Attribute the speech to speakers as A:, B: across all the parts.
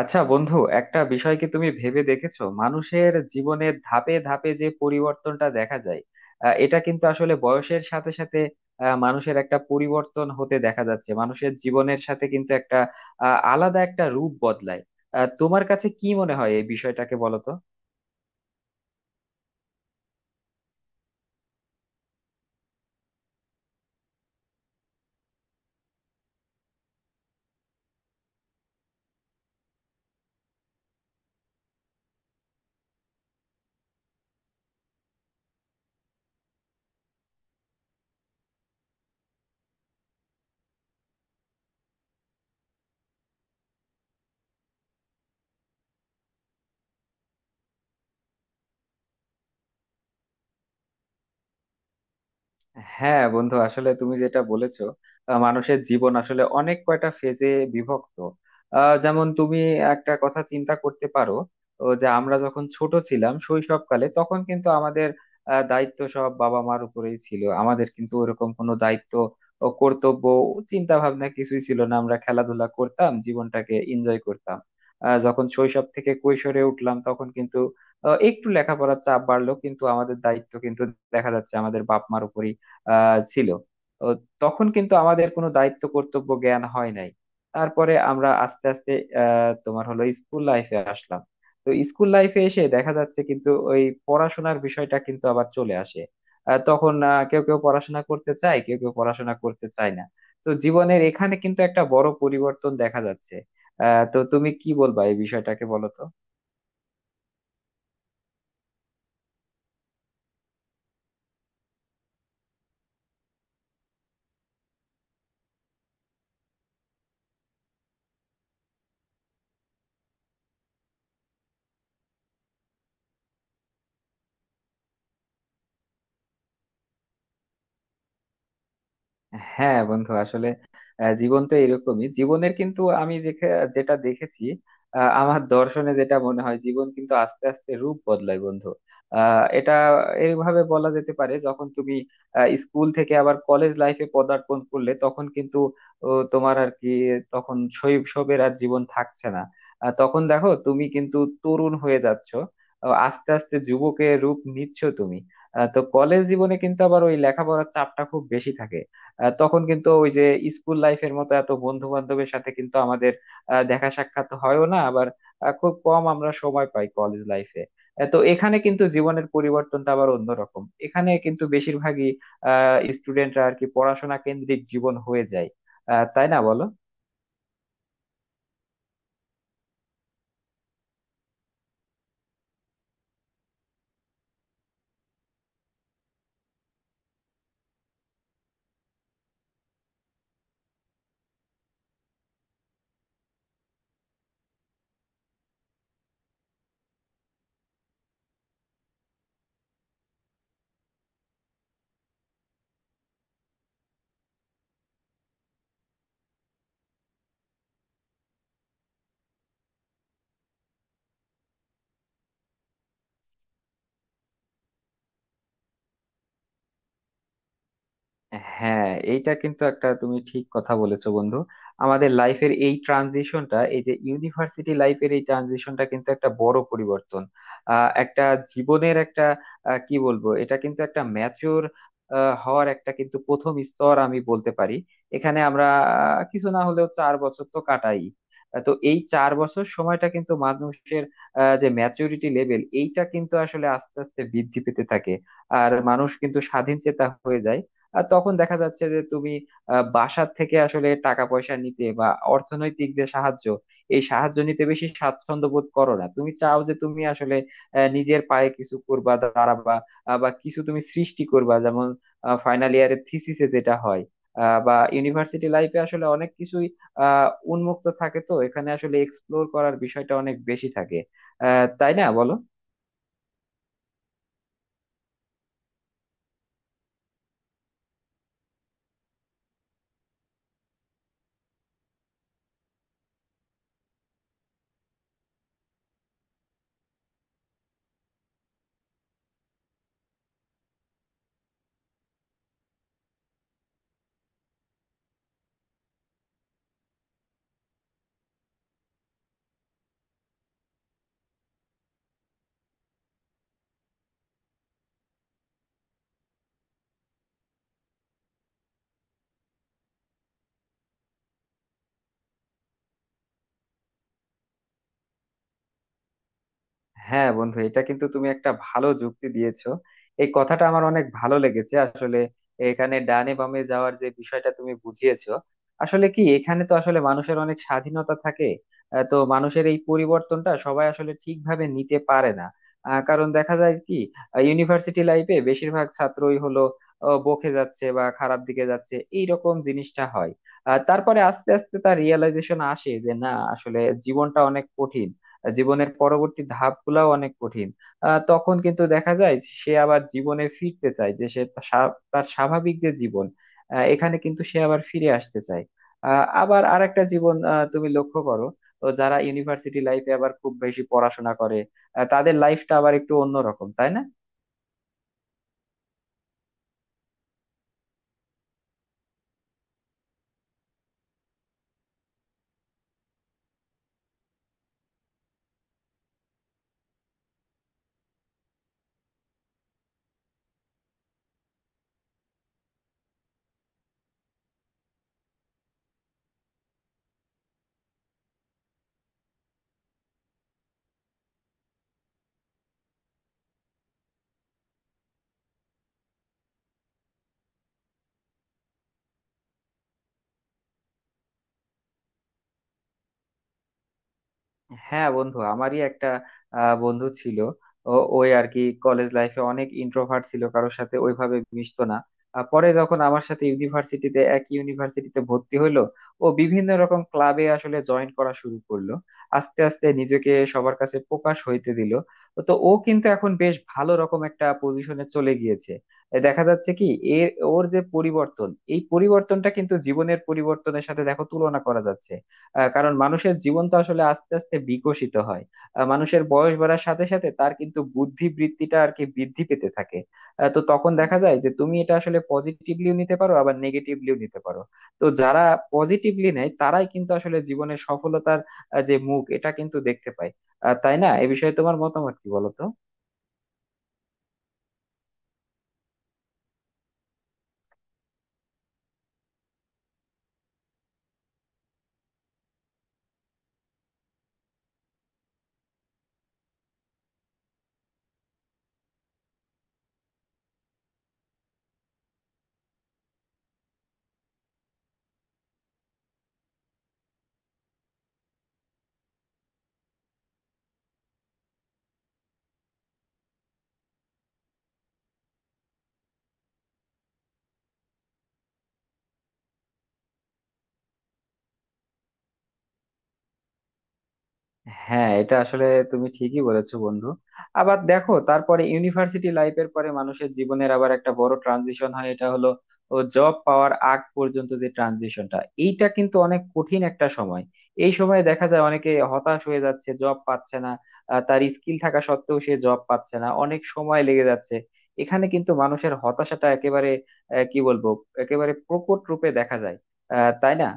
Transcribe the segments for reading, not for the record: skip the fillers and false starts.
A: আচ্ছা বন্ধু, একটা বিষয় কি তুমি ভেবে দেখেছো, মানুষের জীবনের ধাপে ধাপে যে পরিবর্তনটা দেখা যায়? এটা কিন্তু আসলে বয়সের সাথে সাথে মানুষের একটা পরিবর্তন হতে দেখা যাচ্ছে। মানুষের জীবনের সাথে কিন্তু একটা আলাদা একটা রূপ বদলায়। তোমার কাছে কি মনে হয় এই বিষয়টাকে, বলো তো। হ্যাঁ বন্ধু, আসলে তুমি যেটা বলেছো, মানুষের জীবন আসলে অনেক কয়টা ফেজে বিভক্ত। যেমন তুমি একটা কথা চিন্তা করতে পারো ও, যে আমরা যখন ছোট ছিলাম শৈশবকালে তখন কিন্তু আমাদের দায়িত্ব সব বাবা মার উপরেই ছিল। আমাদের কিন্তু ওরকম কোনো দায়িত্ব ও কর্তব্য চিন্তা ভাবনা কিছুই ছিল না, আমরা খেলাধুলা করতাম, জীবনটাকে এনজয় করতাম। যখন শৈশব থেকে কৈশোরে উঠলাম তখন কিন্তু একটু লেখাপড়ার চাপ বাড়লো, কিন্তু আমাদের দায়িত্ব কিন্তু দেখা যাচ্ছে আমাদের বাপ মার উপরেই ছিল ও। তখন কিন্তু আমাদের কোনো দায়িত্ব কর্তব্য জ্ঞান হয় নাই। তারপরে আমরা আস্তে আস্তে তোমার হলো স্কুল লাইফে আসলাম। তো স্কুল লাইফে এসে দেখা যাচ্ছে কিন্তু ওই পড়াশোনার বিষয়টা কিন্তু আবার চলে আসে। তখন কেউ কেউ পড়াশোনা করতে চায়, কেউ কেউ পড়াশোনা করতে চায় না। তো জীবনের এখানে কিন্তু একটা বড় পরিবর্তন দেখা যাচ্ছে। তো তুমি কি বলবা এই বিষয়টাকে, বলো তো। হ্যাঁ বন্ধু আসলে, জীবন তো এরকমই। জীবনের কিন্তু আমি যেটা দেখেছি, আমার দর্শনে যেটা মনে হয়, জীবন কিন্তু আস্তে আস্তে রূপ বদলায় বন্ধু। এটা এইভাবে বলা যেতে পারে, যখন তুমি স্কুল থেকে আবার কলেজ লাইফে পদার্পণ করলে তখন কিন্তু ও, তোমার আর কি, তখন শৈশবের আর জীবন থাকছে না। তখন দেখো তুমি কিন্তু তরুণ হয়ে যাচ্ছ, আস্তে আস্তে যুবকের রূপ নিচ্ছ তুমি। তো কলেজ জীবনে কিন্তু আবার ওই লেখাপড়ার চাপটা খুব বেশি থাকে। তখন কিন্তু ওই যে স্কুল লাইফের মতো এত বন্ধু বান্ধবের সাথে কিন্তু আমাদের দেখা সাক্ষাৎ হয়ও না। আবার খুব কম আমরা সময় পাই কলেজ লাইফে। তো এখানে কিন্তু জীবনের পরিবর্তনটা আবার অন্যরকম। এখানে কিন্তু বেশিরভাগই স্টুডেন্টরা আর কি পড়াশোনা কেন্দ্রিক জীবন হয়ে যায়। তাই না বলো। হ্যাঁ, এইটা কিন্তু একটা তুমি ঠিক কথা বলেছো বন্ধু। আমাদের লাইফের এই ট্রানজিশনটা, এই যে ইউনিভার্সিটি লাইফের এই ট্রানজিশনটা কিন্তু একটা বড় পরিবর্তন। একটা জীবনের একটা কি বলবো, এটা কিন্তু একটা ম্যাচিওর হওয়ার একটা কিন্তু প্রথম স্তর আমি বলতে পারি। এখানে আমরা কিছু না হলেও 4 বছর তো কাটাই। তো এই 4 বছর সময়টা কিন্তু মানুষের যে ম্যাচুরিটি লেভেল, এইটা কিন্তু আসলে আস্তে আস্তে বৃদ্ধি পেতে থাকে। আর মানুষ কিন্তু স্বাধীন চেতা হয়ে যায়। আর তখন দেখা যাচ্ছে যে তুমি বাসার থেকে আসলে টাকা পয়সা নিতে বা অর্থনৈতিক যে সাহায্য, এই সাহায্য নিতে বেশি স্বাচ্ছন্দ্য বোধ করো না। তুমি চাও যে তুমি আসলে নিজের পায়ে কিছু করবা, দাঁড়াবা, বা কিছু তুমি সৃষ্টি করবা, যেমন ফাইনাল ইয়ারের থিসিসে যেটা হয়। বা ইউনিভার্সিটি লাইফে আসলে অনেক কিছুই আহ উন্মুক্ত থাকে। তো এখানে আসলে এক্সপ্লোর করার বিষয়টা অনেক বেশি থাকে। তাই না বলো। হ্যাঁ বন্ধু, এটা কিন্তু তুমি একটা ভালো যুক্তি দিয়েছো, এই কথাটা আমার অনেক ভালো লেগেছে। আসলে এখানে ডানে বামে যাওয়ার যে বিষয়টা তুমি বুঝিয়েছো, আসলে কি, এখানে তো আসলে মানুষের অনেক স্বাধীনতা থাকে। তো মানুষের এই পরিবর্তনটা সবাই আসলে ঠিকভাবে নিতে পারে না। কারণ দেখা যায় কি, ইউনিভার্সিটি লাইফে বেশিরভাগ ছাত্রই হলো বকে যাচ্ছে বা খারাপ দিকে যাচ্ছে, এইরকম জিনিসটা হয়। তারপরে আস্তে আস্তে তার রিয়েলাইজেশন আসে যে না, আসলে জীবনটা অনেক কঠিন, জীবনের পরবর্তী ধাপগুলাও অনেক কঠিন। তখন কিন্তু দেখা যায় যে সে আবার জীবনে ফিরতে চায়, যে সে তার তার স্বাভাবিক যে জীবন, এখানে কিন্তু সে আবার ফিরে আসতে চায়। আবার আরেকটা জীবন, তুমি লক্ষ্য করো। তো যারা ইউনিভার্সিটি লাইফে আবার খুব বেশি পড়াশোনা করে, তাদের লাইফটা আবার একটু অন্যরকম, তাই না? হ্যাঁ বন্ধু, আমারই একটা বন্ধু ছিল। ওই আর কি, কলেজ লাইফে অনেক ইন্ট্রোভার্ট ছিল, কারোর সাথে ওইভাবে মিশতো না। পরে যখন আমার সাথে ইউনিভার্সিটিতে, এক ইউনিভার্সিটিতে ভর্তি হইলো, ও বিভিন্ন রকম ক্লাবে আসলে জয়েন করা শুরু করলো, আস্তে আস্তে নিজেকে সবার কাছে প্রকাশ হইতে দিল। তো ও কিন্তু এখন বেশ ভালো রকম একটা পজিশনে চলে গিয়েছে। এ দেখা যাচ্ছে কি, এর ওর যে পরিবর্তন, এই পরিবর্তনটা কিন্তু জীবনের পরিবর্তনের সাথে দেখো তুলনা করা যাচ্ছে। কারণ মানুষের জীবন তো আসলে আস্তে আস্তে বিকশিত হয়। মানুষের বয়স বাড়ার সাথে সাথে তার কিন্তু বুদ্ধি বৃত্তিটা আর কি বৃদ্ধি পেতে থাকে। তো তখন দেখা যায় যে তুমি এটা আসলে পজিটিভলিও নিতে পারো, আবার নেগেটিভলিও নিতে পারো। তো যারা পজিটিভলি নেয় তারাই কিন্তু আসলে জীবনের সফলতার যে মুখ, এটা কিন্তু দেখতে পায়। তাই না, এ বিষয়ে তোমার মতামত কি, বলো তো। হ্যাঁ এটা আসলে তুমি ঠিকই বলেছো বন্ধু। আবার দেখো, তারপরে ইউনিভার্সিটি লাইফের পরে মানুষের জীবনের আবার একটা বড় ট্রানজিশন হয়, এটা হলো ও জব পাওয়ার আগ পর্যন্ত যে ট্রানজিশনটা, এইটা কিন্তু অনেক কঠিন একটা সময়। এই সময়ে দেখা যায় অনেকে হতাশ হয়ে যাচ্ছে, জব পাচ্ছে না। তার স্কিল থাকা সত্ত্বেও সে জব পাচ্ছে না, অনেক সময় লেগে যাচ্ছে। এখানে কিন্তু মানুষের হতাশাটা একেবারে কি বলবো, একেবারে প্রকট রূপে দেখা যায়। তাই না?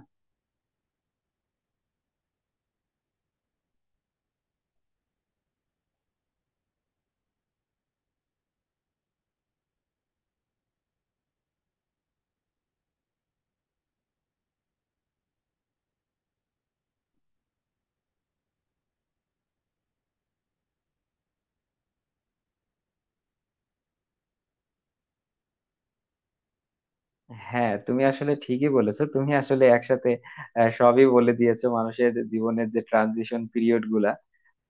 A: হ্যাঁ তুমি আসলে ঠিকই বলেছো, তুমি আসলে একসাথে সবই বলে দিয়েছো মানুষের জীবনের যে ট্রানজিশন পিরিয়ড গুলা।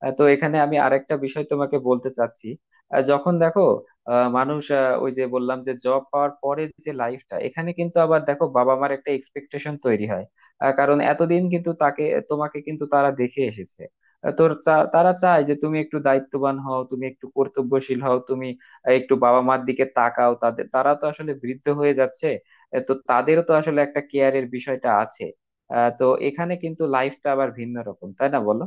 A: তো এখানে আমি আরেকটা বিষয় তোমাকে বলতে চাচ্ছি। যখন দেখো মানুষ, ওই যে বললাম যে জব পাওয়ার পরে যে লাইফটা, এখানে কিন্তু আবার দেখো বাবা মার একটা এক্সপেকটেশন তৈরি হয়। কারণ এতদিন কিন্তু তাকে, তোমাকে কিন্তু তারা দেখে এসেছে। তো তারা চায় যে তুমি একটু দায়িত্ববান হও, তুমি একটু কর্তব্যশীল হও, তুমি একটু বাবা মার দিকে তাকাও। তাদের তারা তো আসলে বৃদ্ধ হয়ে যাচ্ছে, তো তাদেরও তো আসলে একটা কেয়ারের বিষয়টা আছে। তো এখানে কিন্তু লাইফটা আবার ভিন্ন রকম, তাই না বলো।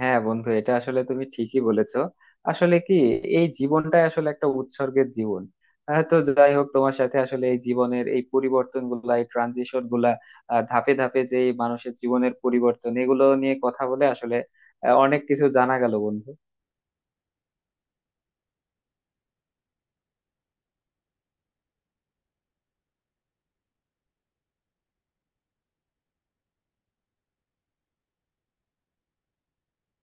A: হ্যাঁ বন্ধু, এটা আসলে তুমি ঠিকই বলেছো। আসলে কি, এই জীবনটাই আসলে একটা উৎসর্গের জীবন। তো যাই হোক, তোমার সাথে আসলে এই জীবনের এই পরিবর্তন গুলা, এই ট্রানজিশন গুলা, ধাপে ধাপে যে এই মানুষের জীবনের পরিবর্তন, এগুলো নিয়ে কথা বলে আসলে অনেক কিছু জানা গেল বন্ধু।